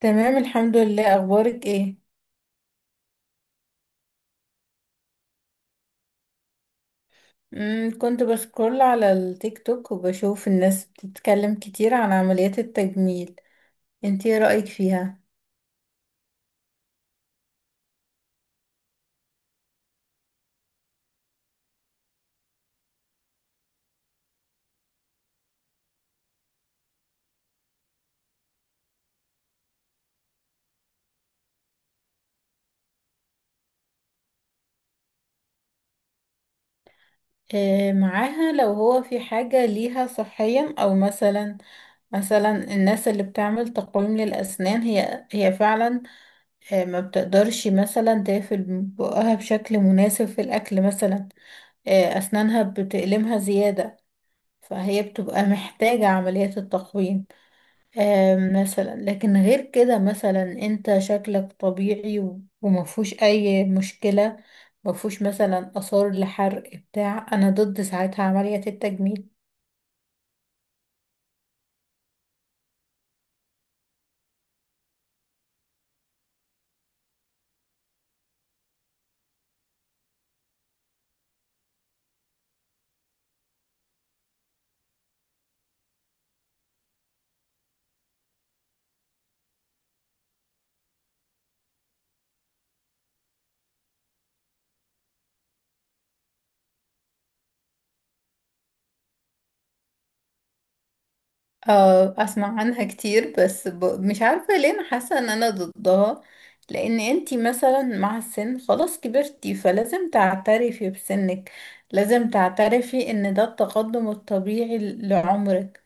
تمام الحمد لله، اخبارك ايه؟ كنت بسكرول على التيك توك وبشوف الناس بتتكلم كتير عن عمليات التجميل. انتي ايه رأيك فيها؟ إيه معاها لو هو في حاجة ليها صحيا، او مثلا مثلا الناس اللي بتعمل تقويم للأسنان هي فعلا، ما بتقدرش مثلا تقفل بقها بشكل مناسب في الأكل مثلا، أسنانها بتألمها زيادة، فهي بتبقى محتاجة عملية التقويم. مثلا لكن غير كده مثلا انت شكلك طبيعي ومفهوش اي مشكلة، مفهوش مثلا اثار لحرق بتاع، انا ضد ساعتها عملية التجميل. اه اسمع عنها كتير بس مش عارفة ليه انا حاسة ان انا ضدها. لان انتي مثلا مع السن خلاص كبرتي، فلازم تعترفي بسنك، لازم تعترفي ان ده التقدم الطبيعي لعمرك.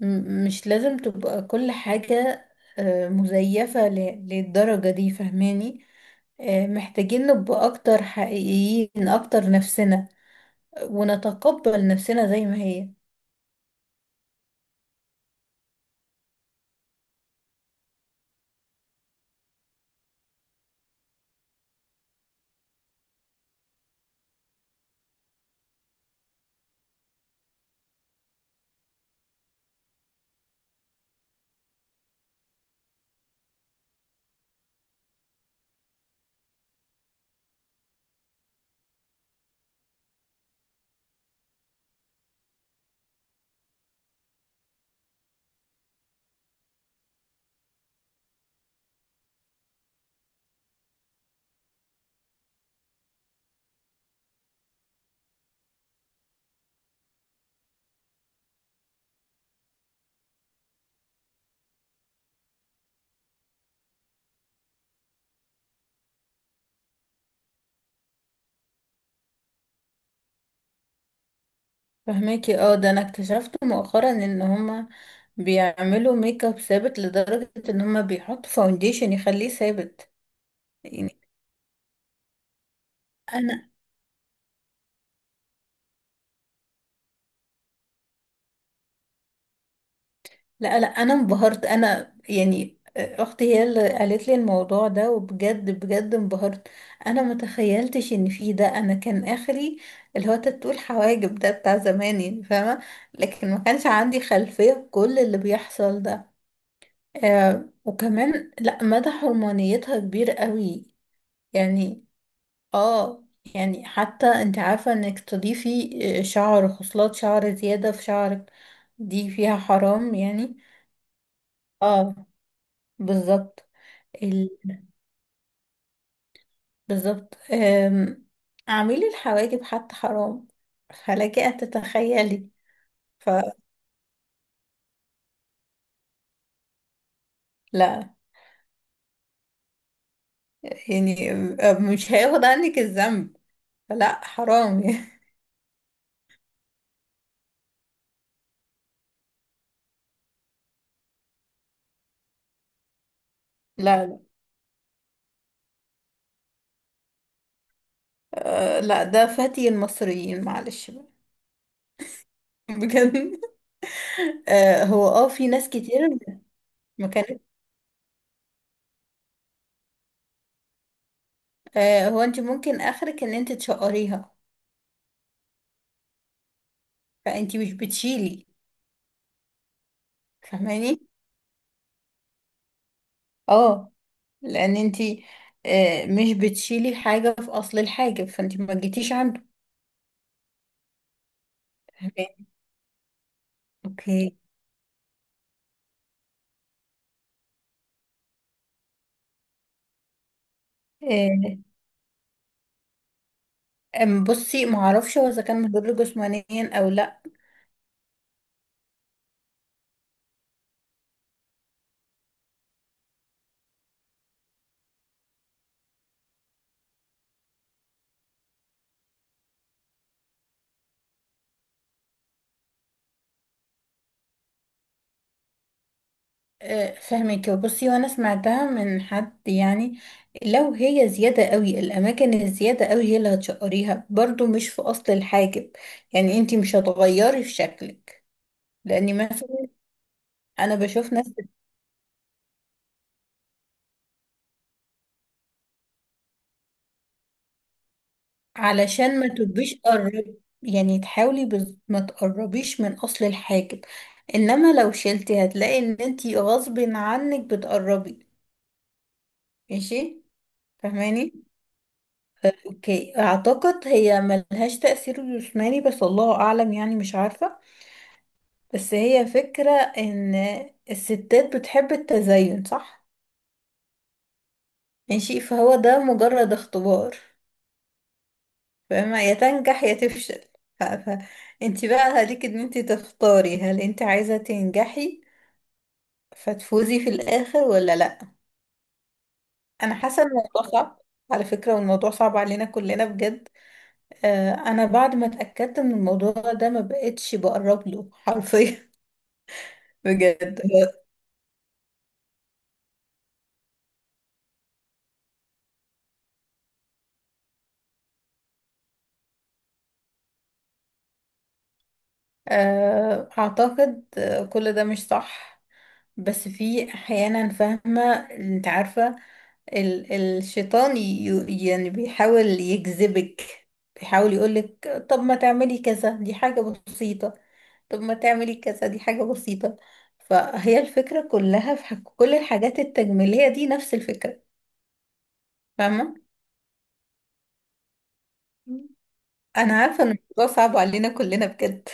مش لازم تبقى كل حاجة مزيفة للدرجة دي، فهماني؟ محتاجين نبقى أكتر حقيقيين، أكتر نفسنا، ونتقبل نفسنا زي ما هي. فهماكي. اه ده أنا اكتشفت مؤخرا إن هما بيعملوا ميك اب ثابت لدرجة إن هما بيحطوا فاونديشن يخليه ثابت. يعني أنا، لا لا انا انبهرت، انا يعني اختي هي اللي قالت لي الموضوع ده، وبجد بجد انبهرت. انا ما تخيلتش ان في ده، انا كان اخري اللي هو تاتو الحواجب ده بتاع زمان، يعني فاهمه. لكن ما كانش عندي خلفيه بكل اللي بيحصل ده. آه، وكمان لا مدى حرمانيتها كبير قوي يعني. اه، يعني حتى انت عارفه انك تضيفي شعر، خصلات شعر زياده في شعرك، دي فيها حرام يعني. اه، بالظبط. ال... بالظبط. اعملي الحواجب حتى حرام، فلك أن تتخيلي. فلا، يعني مش هياخد عنك الذنب، فلا حرام يعني. لا لا. أه لا ده فتي المصريين، معلش بقى. بجد. أه هو اه في ناس كتير ما كانت. أه هو انت ممكن اخرك ان انت تشقريها، فانت مش بتشيلي، فاهماني؟ اه لان انتي مش بتشيلي حاجة في اصل الحاجة، فانتي ما جيتيش عنده. فهماني؟ اوكي. آه، أم بصي ما اعرفش هو اذا كان مضر جسمانيا او لا. فهمك. بصي وانا سمعتها من حد يعني، لو هي زيادة قوي الاماكن الزيادة قوي هي اللي هتشقريها، برضو مش في اصل الحاجب. يعني انتي مش هتغيري في شكلك. لاني مثلا انا بشوف ناس. علشان ما تبقيش قرب، يعني تحاولي ما تقربيش من اصل الحاجب، انما لو شلتي هتلاقي ان انتي غصب عنك بتقربي. ماشي. فهماني. اوكي اعتقد هي ملهاش تأثير جسماني، بس الله اعلم يعني مش عارفة. بس هي فكرة ان الستات بتحب التزين، صح؟ ماشي، فهو ده مجرد اختبار، فاهمة، يا تنجح يا تفشل. ف... ف... انت بقى عليك ان انت تختاري، هل انت عايزة تنجحي فتفوزي في الاخر ولا لا. انا حاسة ان الموضوع صعب على فكرة، والموضوع صعب علينا كلنا بجد. آه، انا بعد ما اتأكدت من الموضوع ده ما بقتش بقرب له حرفيا. بجد. آه اعتقد كل ده مش صح. بس في احيانا، فاهمة؟ انت عارفة الشيطان يعني بيحاول يجذبك، بيحاول يقولك طب ما تعملي كذا دي حاجة بسيطة، طب ما تعملي كذا دي حاجة بسيطة. فهي الفكرة كلها في كل الحاجات التجميلية دي نفس الفكرة. فاهمة؟ أنا عارفة إن الموضوع صعب علينا كلنا بجد.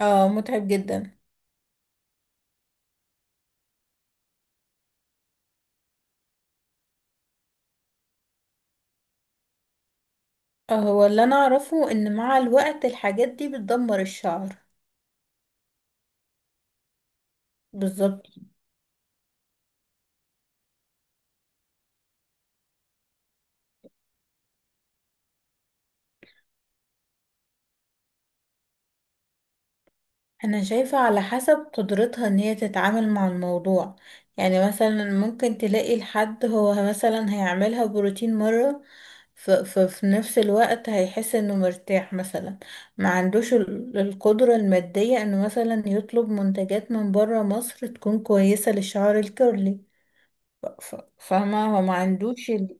اه متعب جدا. هو اللي أنا أعرفه إن مع الوقت الحاجات دي بتدمر الشعر. بالظبط. انا شايفة على حسب قدرتها ان هي تتعامل مع الموضوع. يعني مثلا ممكن تلاقي الحد هو مثلا هيعملها بروتين مرة، ففي نفس الوقت هيحس انه مرتاح مثلا، ما عندوش القدرة المادية انه مثلا يطلب منتجات من برا مصر تكون كويسة للشعر الكيرلي. ف- فاهمة، هو ما عندوش ال-.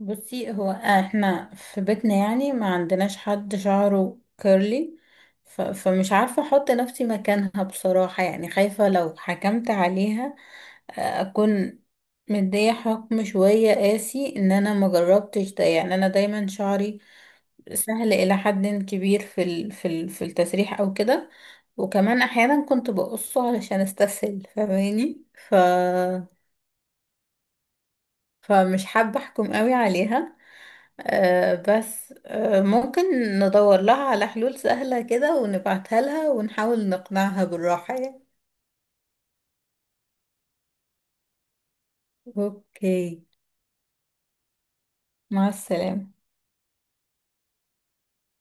بصي هو احنا في بيتنا يعني ما عندناش حد شعره كيرلي. فمش عارفة احط نفسي مكانها بصراحة، يعني خايفة لو حكمت عليها اكون مدية حكم شوية قاسي، ان انا ما جربتش ده. يعني انا دايما شعري سهل الى حد كبير في التسريح او كده، وكمان احيانا كنت بقصه علشان استسهل، فاهماني؟ ف... فمش حابة احكم قوي عليها. آه بس آه ممكن ندور لها على حلول سهلة كده ونبعتها لها ونحاول نقنعها بالراحة يعني. اوكي. مع السلامة.